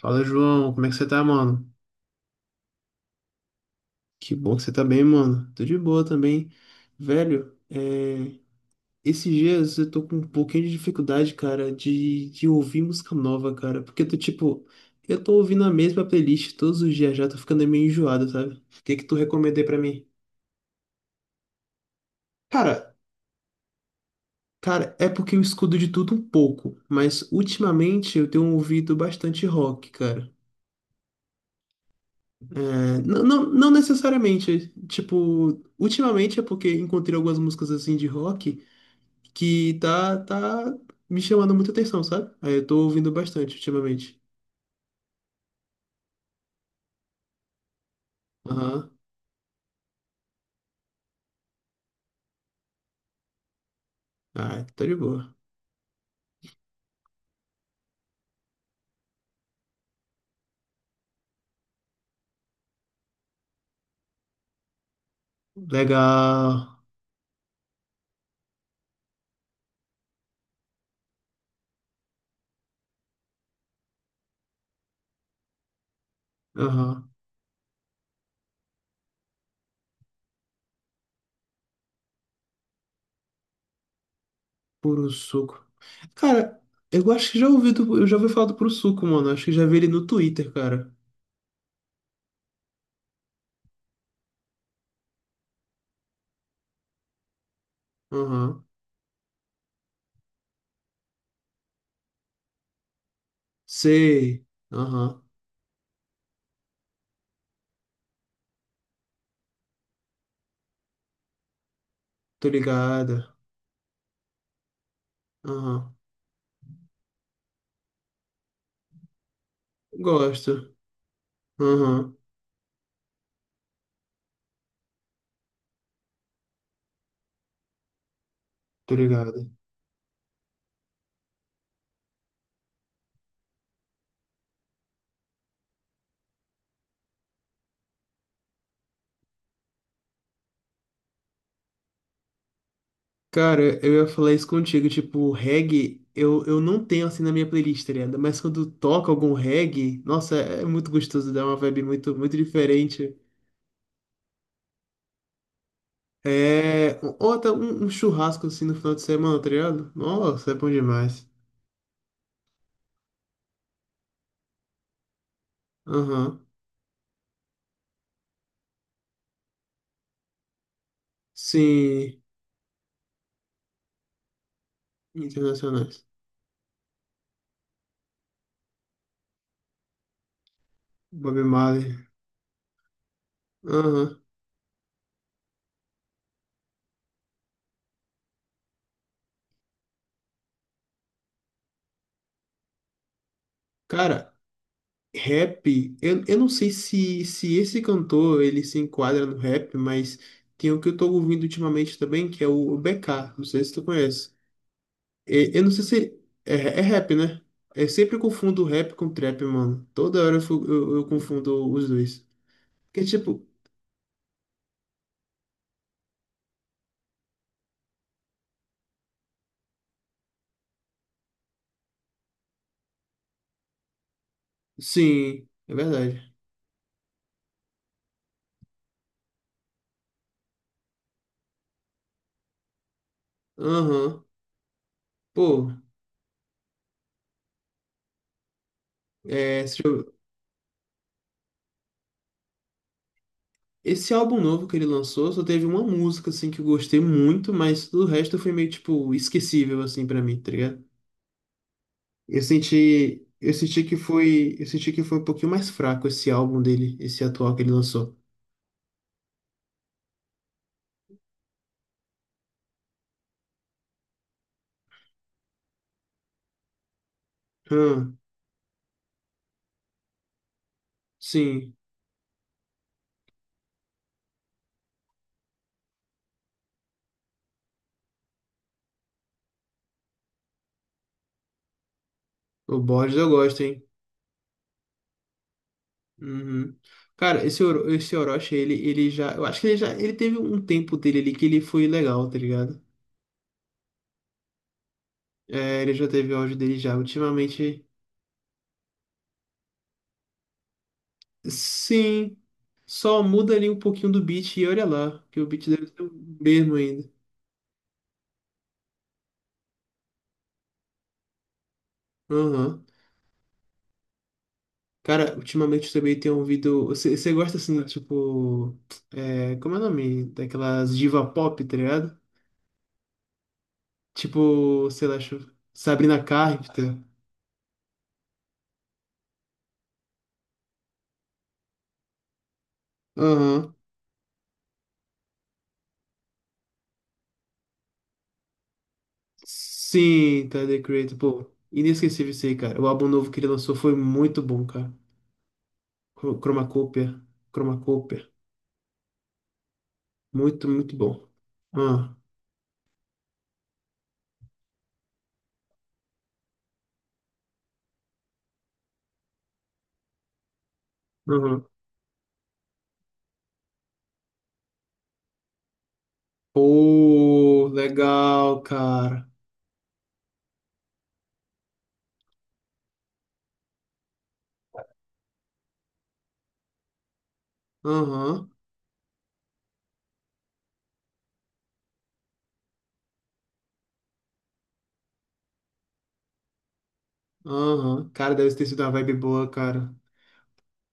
Fala, João, como é que você tá, mano? Que bom que você tá bem, mano. Tô de boa também. Velho, esses dias eu tô com um pouquinho de dificuldade, cara, de ouvir música nova, cara. Porque eu tô ouvindo a mesma playlist todos os dias já, tô ficando meio enjoado, sabe? O que que tu recomendei pra mim? Cara, cara, é porque eu escuto de tudo um pouco, mas ultimamente eu tenho ouvido bastante rock, cara. Não, não, não necessariamente. Tipo, ultimamente é porque encontrei algumas músicas assim de rock. Que tá me chamando muita atenção, sabe? Aí eu tô ouvindo bastante ultimamente. Aham. Ah, tá de boa. Legal. Aham. Puro suco. Cara, eu acho que já ouvi, eu já ouvi falar do Puro Suco, mano. Acho que já vi ele no Twitter, cara. Aham. Sei. Aham. Tô ligada. Aham. Gosto. Aham. Tô ligada. Cara, eu ia falar isso contigo, tipo, reggae, eu não tenho assim na minha playlist, tá ligado? Mas quando toca algum reggae, nossa, é muito gostoso, dá uma vibe muito, muito diferente. É. Ou até um churrasco assim no final de semana, tá ligado? Nossa, é bom demais. Aham. Sim. Internacionais. Bob Marley. Aham. Cara, rap, eu não sei se esse cantor ele se enquadra no rap, mas tem o que eu tô ouvindo ultimamente também, que é o BK, não sei se tu conhece. Eu não sei se é rap, né? Eu sempre confundo rap com trap, mano. Toda hora eu confundo os dois. Porque, tipo, sim, é verdade. Aham. Pô, é, se eu- esse álbum novo que ele lançou só teve uma música, assim, que eu gostei muito, mas o resto foi meio, tipo, esquecível, assim, pra mim, tá ligado? Eu senti que foi um pouquinho mais fraco esse álbum dele, esse atual que ele lançou. Hum, sim, o Borges eu gosto, hein? Uhum. Cara, esse Orochi, ele já, eu acho que ele já, ele teve um tempo dele ali que ele foi legal, tá ligado? É, ele já teve áudio dele já, ultimamente, sim, só muda ali um pouquinho do beat e olha lá, que o beat deve ser o mesmo ainda. Aham. Cara, ultimamente eu também tenho ouvido. Você gosta assim do tipo. Como é o nome? Daquelas diva pop, tá ligado? Tipo, sei lá, Sabrina Carpenter. Aham. Sim, tá The Creator. Pô, inesquecível isso aí, cara. O álbum novo que ele lançou foi muito bom, cara. Chromacopia. Chromacopia. Muito, muito bom. Ah, aham. Pô, legal, cara. Aham, aham. Cara, deve ter sido uma vibe boa, cara.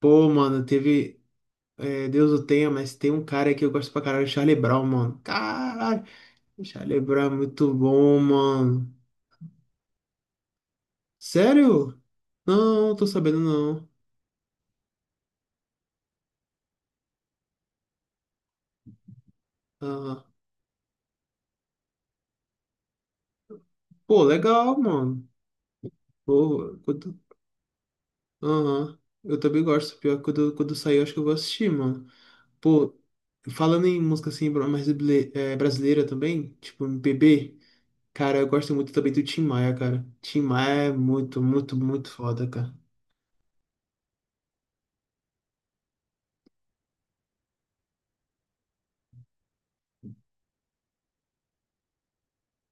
Pô, mano, teve. É, Deus o tenha, mas tem um cara que eu gosto pra caralho, o Charlie Brown, mano. Caralho, o Charlie Brown é muito bom, mano. Sério? Não, tô sabendo não. Ah, pô, legal, mano. Pô. Aham. Eu também gosto, pior, que quando, sair eu acho que eu vou assistir, mano. Pô, falando em música assim, brasileira também, tipo MPB, cara, eu gosto muito também do Tim Maia, cara. Tim Maia é muito, muito, muito foda, cara.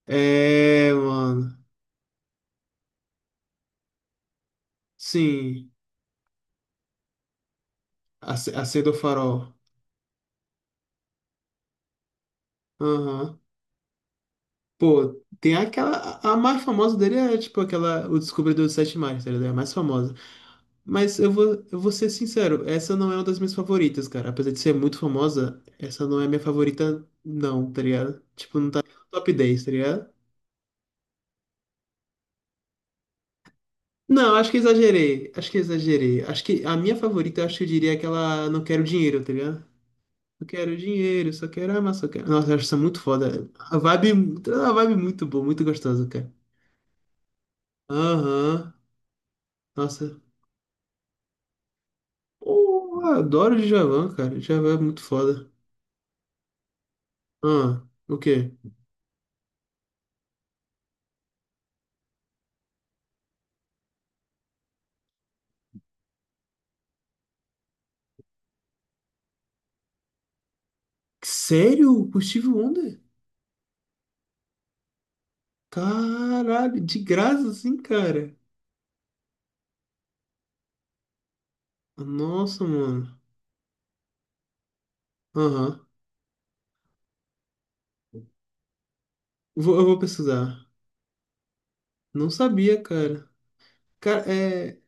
É, mano. Sim. Acenda o farol. Aham. Pô, tem aquela. A mais famosa dele é tipo aquela. O Descobridor dos Sete Mares, tá ligado? É a mais famosa. Mas eu vou ser sincero, essa não é uma das minhas favoritas, cara. Apesar de ser muito famosa, essa não é minha favorita, não, tá ligado? Tipo, não tá nem no top dez, tá ligado? Não, acho que exagerei. Acho que exagerei. Acho que a minha favorita, eu acho que eu diria é aquela Não Quero Dinheiro, tá ligado? Não quero dinheiro, só quero amar, só quero. Nossa, eu acho isso muito foda. A vibe muito boa, muito gostosa, cara. Aham. Nossa. Pô, eu adoro o Djavan, cara. O Djavan é muito foda. Ah, o quê? Sério? O Steve Wonder? Caralho, de graça assim, cara. Nossa, mano. Aham. Eu vou pesquisar. Não sabia, cara. Cara.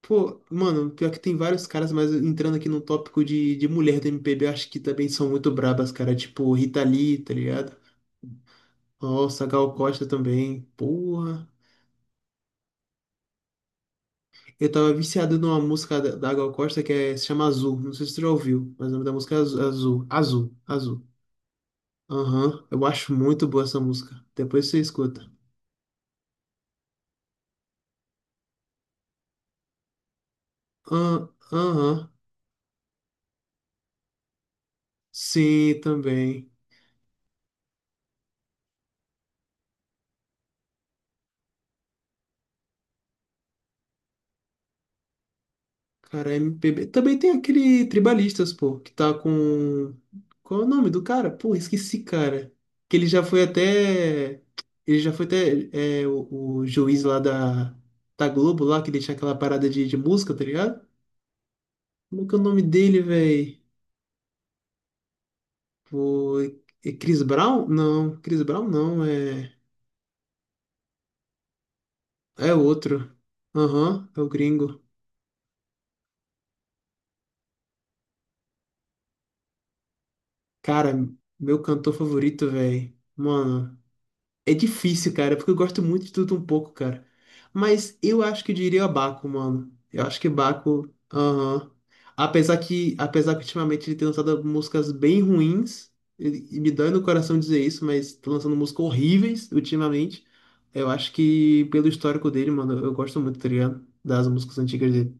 Pô, mano, pior que tem vários caras, mas entrando aqui no tópico de mulher do MPB, eu acho que também são muito brabas, cara. Tipo, Rita Lee, tá ligado? Nossa, Gal Costa também. Porra. Eu tava viciado numa música da Gal Costa que se chama Azul. Não sei se tu já ouviu, mas o nome da música é Azul. Azul. Azul. Aham. Eu acho muito boa essa música. Depois você escuta. Ah, aham. Sim, também. Cara, MPB. Também tem aquele Tribalistas, pô, que tá com. Qual é o nome do cara? Pô, esqueci, cara. Que ele já foi até. Ele já foi até o juiz lá da Globo, lá, que deixa aquela parada de música, tá ligado? Como é que é o nome dele, velho? O, é Chris Brown? Não, Chris Brown não, é outro. Aham, é o gringo. Cara, meu cantor favorito, velho. Mano. É difícil, cara, porque eu gosto muito de tudo um pouco, cara. Mas eu acho que eu diria Baco, mano. Eu acho que Baco, aham. Apesar que ultimamente ele tem lançado músicas bem ruins, e me dói no coração dizer isso, mas tá lançando músicas horríveis ultimamente. Eu acho que pelo histórico dele, mano, eu gosto muito, tá ligado? Das músicas antigas dele.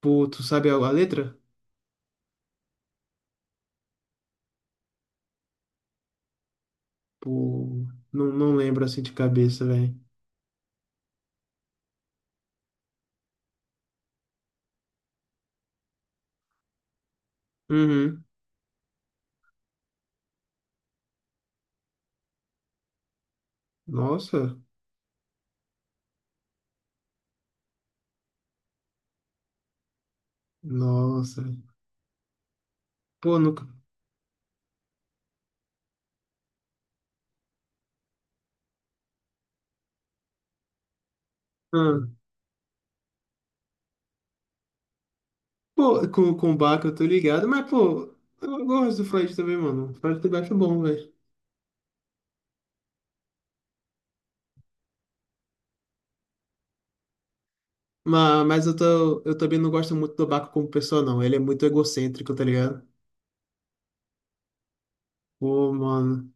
Pô, tu sabe a letra? Pô, não lembro assim de cabeça, velho. Uhum. Nossa, nossa. Pô, nunca. Pô, com o Bach eu tô ligado, mas, pô, eu gosto do Freud também, mano. O Freud também acho bom, velho. Mas eu também não gosto muito do Baco como pessoa, não. Ele é muito egocêntrico, tá ligado? Pô, mano.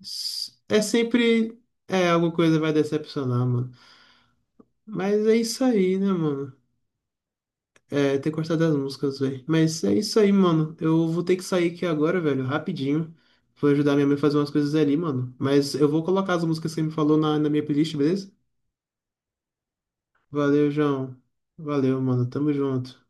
É sempre. É, alguma coisa vai decepcionar, mano. Mas é isso aí, né, mano? É, ter gostado das músicas, velho. Mas é isso aí, mano. Eu vou ter que sair aqui agora, velho, rapidinho. Vou ajudar minha mãe a fazer umas coisas ali, mano. Mas eu vou colocar as músicas que você me falou na minha playlist, beleza? Valeu, João. Valeu, mano. Tamo junto.